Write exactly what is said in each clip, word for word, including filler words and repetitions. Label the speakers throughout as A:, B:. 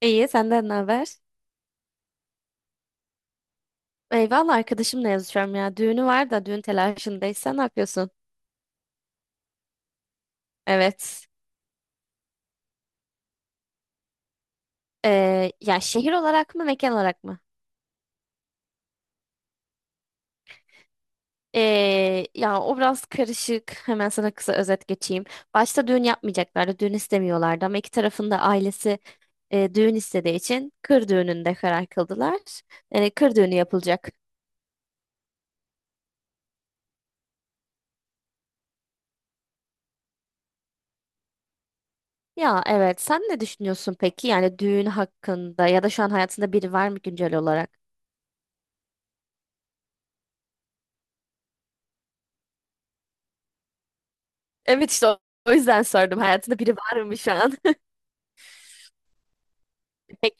A: İyi, senden ne haber? Eyvallah, arkadaşımla yazışıyorum ya. Düğünü var da düğün telaşındayız. Sen ne yapıyorsun? Evet. Ee, ya şehir olarak mı mekan olarak mı? Ee, ya o biraz karışık. Hemen sana kısa özet geçeyim. Başta düğün yapmayacaklardı. Düğün istemiyorlardı ama iki tarafın da ailesi e, düğün istediği için kır düğününde karar kıldılar. Yani kır düğünü yapılacak. Ya evet, sen ne düşünüyorsun peki? Yani düğün hakkında ya da şu an hayatında biri var mı güncel olarak? Evet, işte o o yüzden sordum. Hayatında biri var mı şu an? Peki,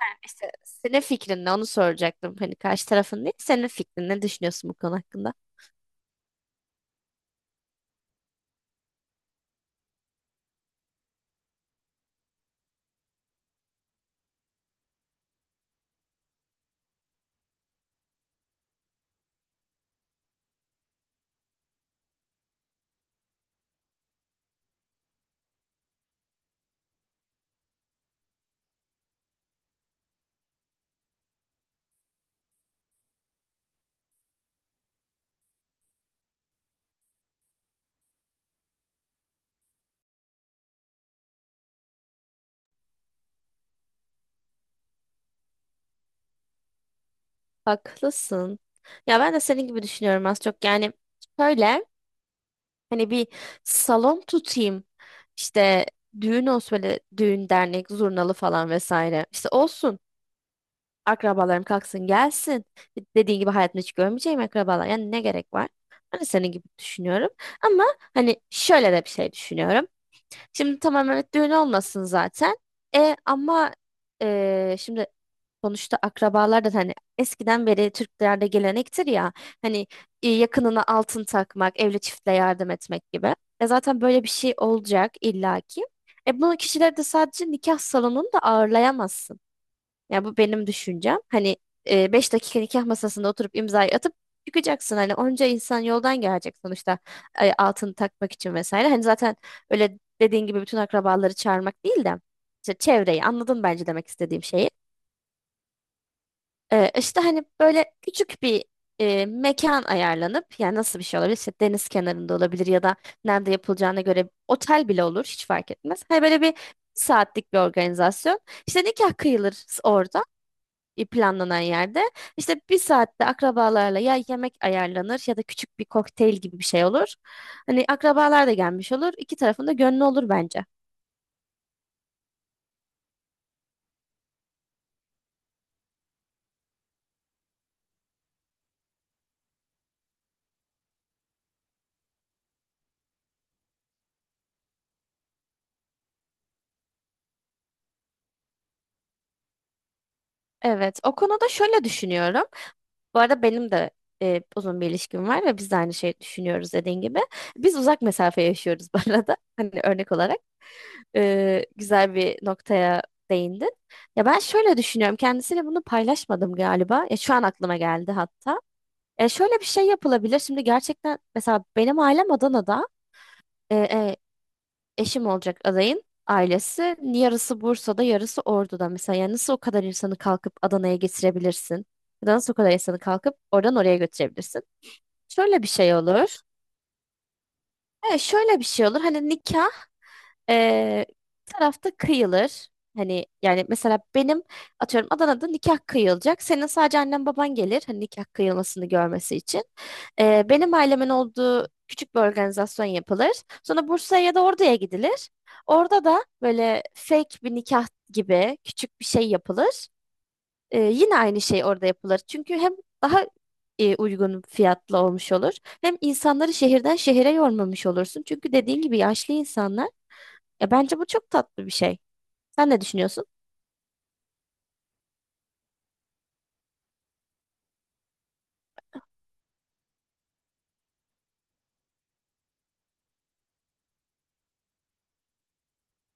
A: ben işte senin fikrin ne onu soracaktım. Hani karşı tarafın değil, senin fikrin, ne düşünüyorsun bu konu hakkında? Haklısın. Ya ben de senin gibi düşünüyorum az çok. Yani şöyle, hani bir salon tutayım. İşte düğün olsun, böyle düğün dernek zurnalı falan vesaire. İşte olsun. Akrabalarım kalksın gelsin. Dediğin gibi hayatımda hiç görmeyeceğim akrabalar. Yani ne gerek var? Hani senin gibi düşünüyorum. Ama hani şöyle de bir şey düşünüyorum. Şimdi tamam, evet, düğün olmasın zaten. E ama e, şimdi sonuçta akrabalar da hani eskiden beri Türklerde gelenektir ya, hani e, yakınına altın takmak, evli çiftle yardım etmek gibi. E zaten böyle bir şey olacak illaki. E bunu kişileri de sadece nikah salonunda ağırlayamazsın. Ya bu benim düşüncem. Hani e, beş dakika nikah masasında oturup imzayı atıp çıkacaksın. Hani onca insan yoldan gelecek sonuçta e, altını takmak için vesaire. Hani zaten öyle dediğin gibi bütün akrabaları çağırmak değil de işte çevreyi, anladın bence demek istediğim şeyi. E, işte hani böyle küçük bir e, mekan ayarlanıp, yani nasıl bir şey olabilir? İşte deniz kenarında olabilir ya da nerede yapılacağına göre otel bile olur, hiç fark etmez. Hani böyle bir saatlik bir organizasyon. İşte nikah kıyılır orada e, planlanan yerde. İşte bir saatte akrabalarla ya yemek ayarlanır ya da küçük bir kokteyl gibi bir şey olur. Hani akrabalar da gelmiş olur. İki tarafın da gönlü olur bence. Evet, o konuda şöyle düşünüyorum. Bu arada benim de e, uzun bir ilişkim var ve biz de aynı şeyi düşünüyoruz dediğin gibi. Biz uzak mesafe yaşıyoruz bu arada. Hani örnek olarak e, güzel bir noktaya değindin. Ya ben şöyle düşünüyorum. Kendisiyle bunu paylaşmadım galiba. Ya şu an aklıma geldi hatta. E, şöyle bir şey yapılabilir. Şimdi gerçekten mesela benim ailem Adana'da, e, e, eşim olacak adayın ailesi. Yarısı Bursa'da, yarısı Ordu'da. Mesela yani nasıl o kadar insanı kalkıp Adana'ya getirebilirsin? Ya da nasıl o kadar insanı kalkıp oradan oraya götürebilirsin? Şöyle bir şey olur. Evet, şöyle bir şey olur. Hani nikah e, bir tarafta kıyılır. Hani yani mesela benim atıyorum Adana'da nikah kıyılacak. Senin sadece annen baban gelir hani nikah kıyılmasını görmesi için. Ee, benim ailemin olduğu küçük bir organizasyon yapılır. Sonra Bursa'ya ya da Ordu'ya gidilir. Orada da böyle fake bir nikah gibi küçük bir şey yapılır. Ee, yine aynı şey orada yapılır. Çünkü hem daha e, uygun fiyatlı olmuş olur. Hem insanları şehirden şehire yormamış olursun. Çünkü dediğin gibi yaşlı insanlar. Ya bence bu çok tatlı bir şey. Sen ne düşünüyorsun?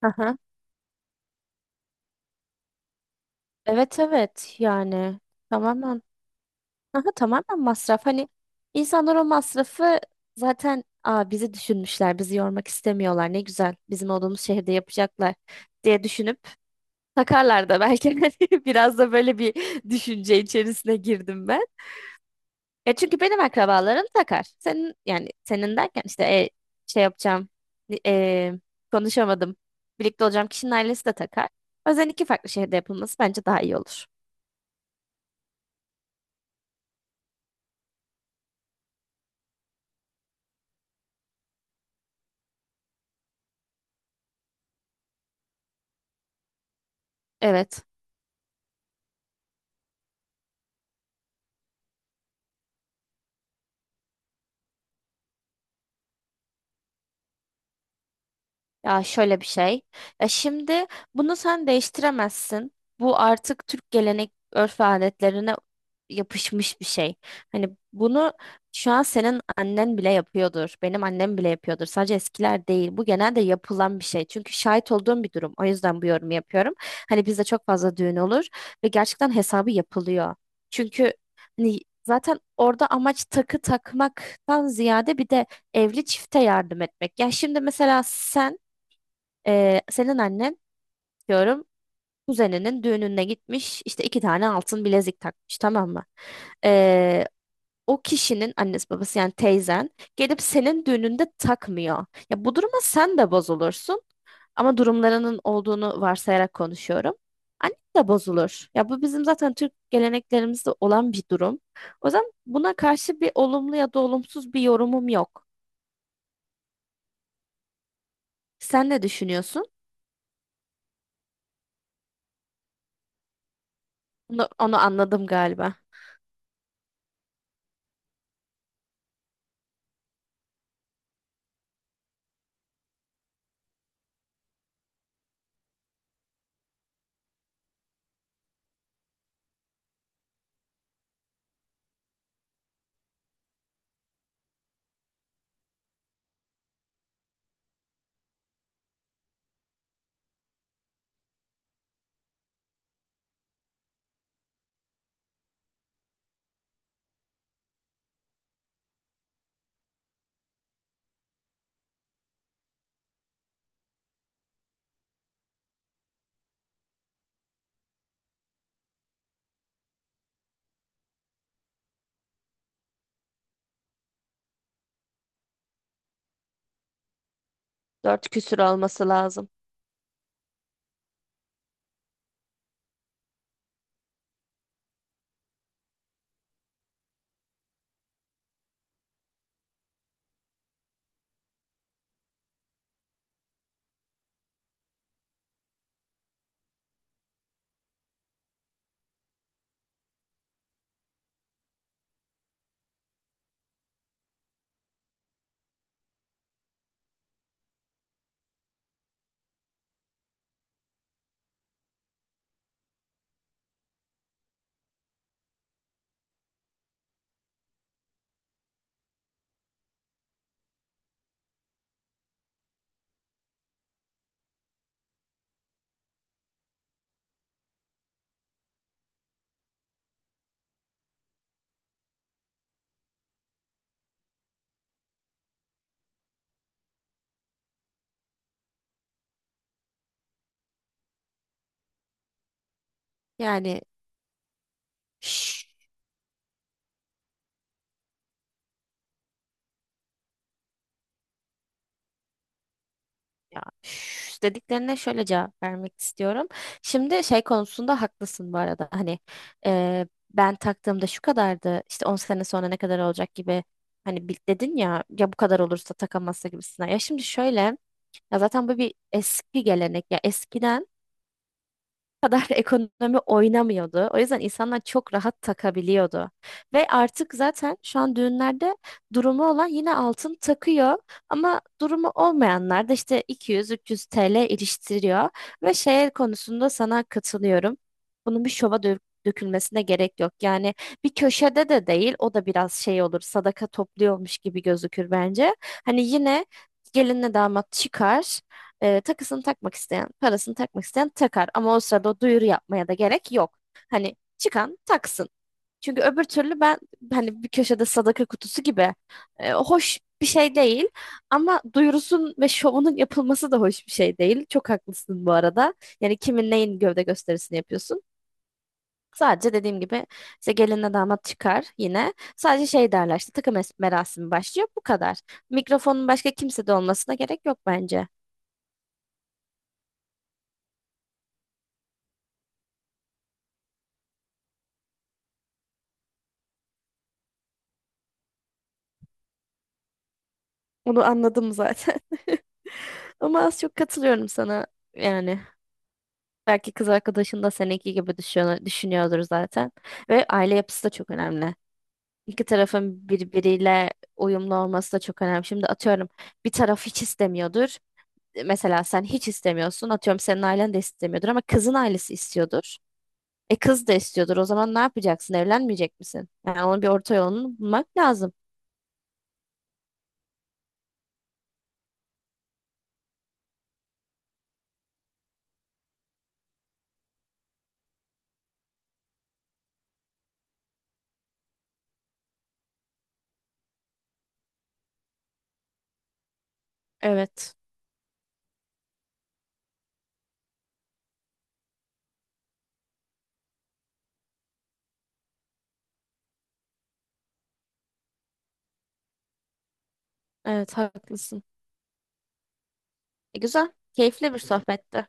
A: Aha. Evet, evet, yani tamamen, aha, tamamen masraf. Hani insanlar o masrafı zaten, aa, bizi düşünmüşler, bizi yormak istemiyorlar. Ne güzel, bizim olduğumuz şehirde yapacaklar diye düşünüp takarlar da belki. Hani biraz da böyle bir düşünce içerisine girdim ben. Ya çünkü benim akrabalarım takar. Senin, yani senin derken işte, e, şey yapacağım e, konuşamadım. Birlikte olacağım kişinin ailesi de takar. O yüzden iki farklı şehirde yapılması bence daha iyi olur. Evet. Ya şöyle bir şey. Ya şimdi bunu sen değiştiremezsin. Bu artık Türk gelenek örf ve adetlerine yapışmış bir şey. Hani bunu şu an senin annen bile yapıyordur. Benim annem bile yapıyordur. Sadece eskiler değil. Bu genelde yapılan bir şey. Çünkü şahit olduğum bir durum. O yüzden bu yorumu yapıyorum. Hani bizde çok fazla düğün olur ve gerçekten hesabı yapılıyor. Çünkü hani zaten orada amaç takı takmaktan ziyade bir de evli çifte yardım etmek. Ya şimdi mesela sen, ee, senin annen diyorum, kuzeninin düğününe gitmiş işte iki tane altın bilezik takmış, tamam mı? Ee, o kişinin annesi babası, yani teyzen, gelip senin düğününde takmıyor. Ya bu duruma sen de bozulursun, ama durumlarının olduğunu varsayarak konuşuyorum. Annen de bozulur. Ya bu bizim zaten Türk geleneklerimizde olan bir durum. O yüzden buna karşı bir olumlu ya da olumsuz bir yorumum yok. Sen ne düşünüyorsun? Bunu- onu anladım galiba. Dört küsür olması lazım. Yani şş, ya, şş dediklerine şöyle cevap vermek istiyorum. Şimdi şey konusunda haklısın bu arada. Hani e, ben taktığımda şu kadardı. İşte on sene sonra ne kadar olacak gibi. Hani bil- dedin ya, ya bu kadar olursa takamazsa gibisinden. Ya şimdi şöyle, ya zaten bu bir eski gelenek. Ya eskiden kadar ekonomi oynamıyordu. O yüzden insanlar çok rahat takabiliyordu. Ve artık zaten şu an düğünlerde durumu olan yine altın takıyor, ama durumu olmayanlar da işte iki yüz üç yüz T L iliştiriyor ve şey konusunda sana katılıyorum. Bunun bir şova dö- dökülmesine gerek yok. Yani bir köşede de değil, o da biraz şey olur, sadaka topluyormuş gibi gözükür bence. Hani yine gelinle damat çıkar. E, takısını takmak isteyen, parasını takmak isteyen takar. Ama o sırada o duyuru yapmaya da gerek yok. Hani çıkan taksın. Çünkü öbür türlü, ben hani bir köşede sadaka kutusu gibi, e, hoş bir şey değil. Ama duyurusun ve şovunun yapılması da hoş bir şey değil. Çok haklısın bu arada. Yani kimin neyin gövde gösterisini yapıyorsun? Sadece dediğim gibi işte gelinle damat çıkar yine. Sadece şey derler, işte takım es- merasimi başlıyor, bu kadar. Mikrofonun başka kimsede olmasına gerek yok bence. Onu anladım zaten. Ama az çok katılıyorum sana yani. Belki kız arkadaşın da seninki gibi düşünüyor, düşünüyordur zaten. Ve aile yapısı da çok önemli. İki tarafın birbiriyle uyumlu olması da çok önemli. Şimdi atıyorum bir taraf hiç istemiyordur. Mesela sen hiç istemiyorsun. Atıyorum senin ailen de istemiyordur ama kızın ailesi istiyordur. E kız da istiyordur. O zaman ne yapacaksın? Evlenmeyecek misin? Yani onun bir orta yolunu bulmak lazım. Evet. Evet, haklısın. E, güzel. Keyifli bir sohbetti.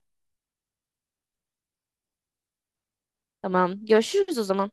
A: Tamam. Görüşürüz o zaman.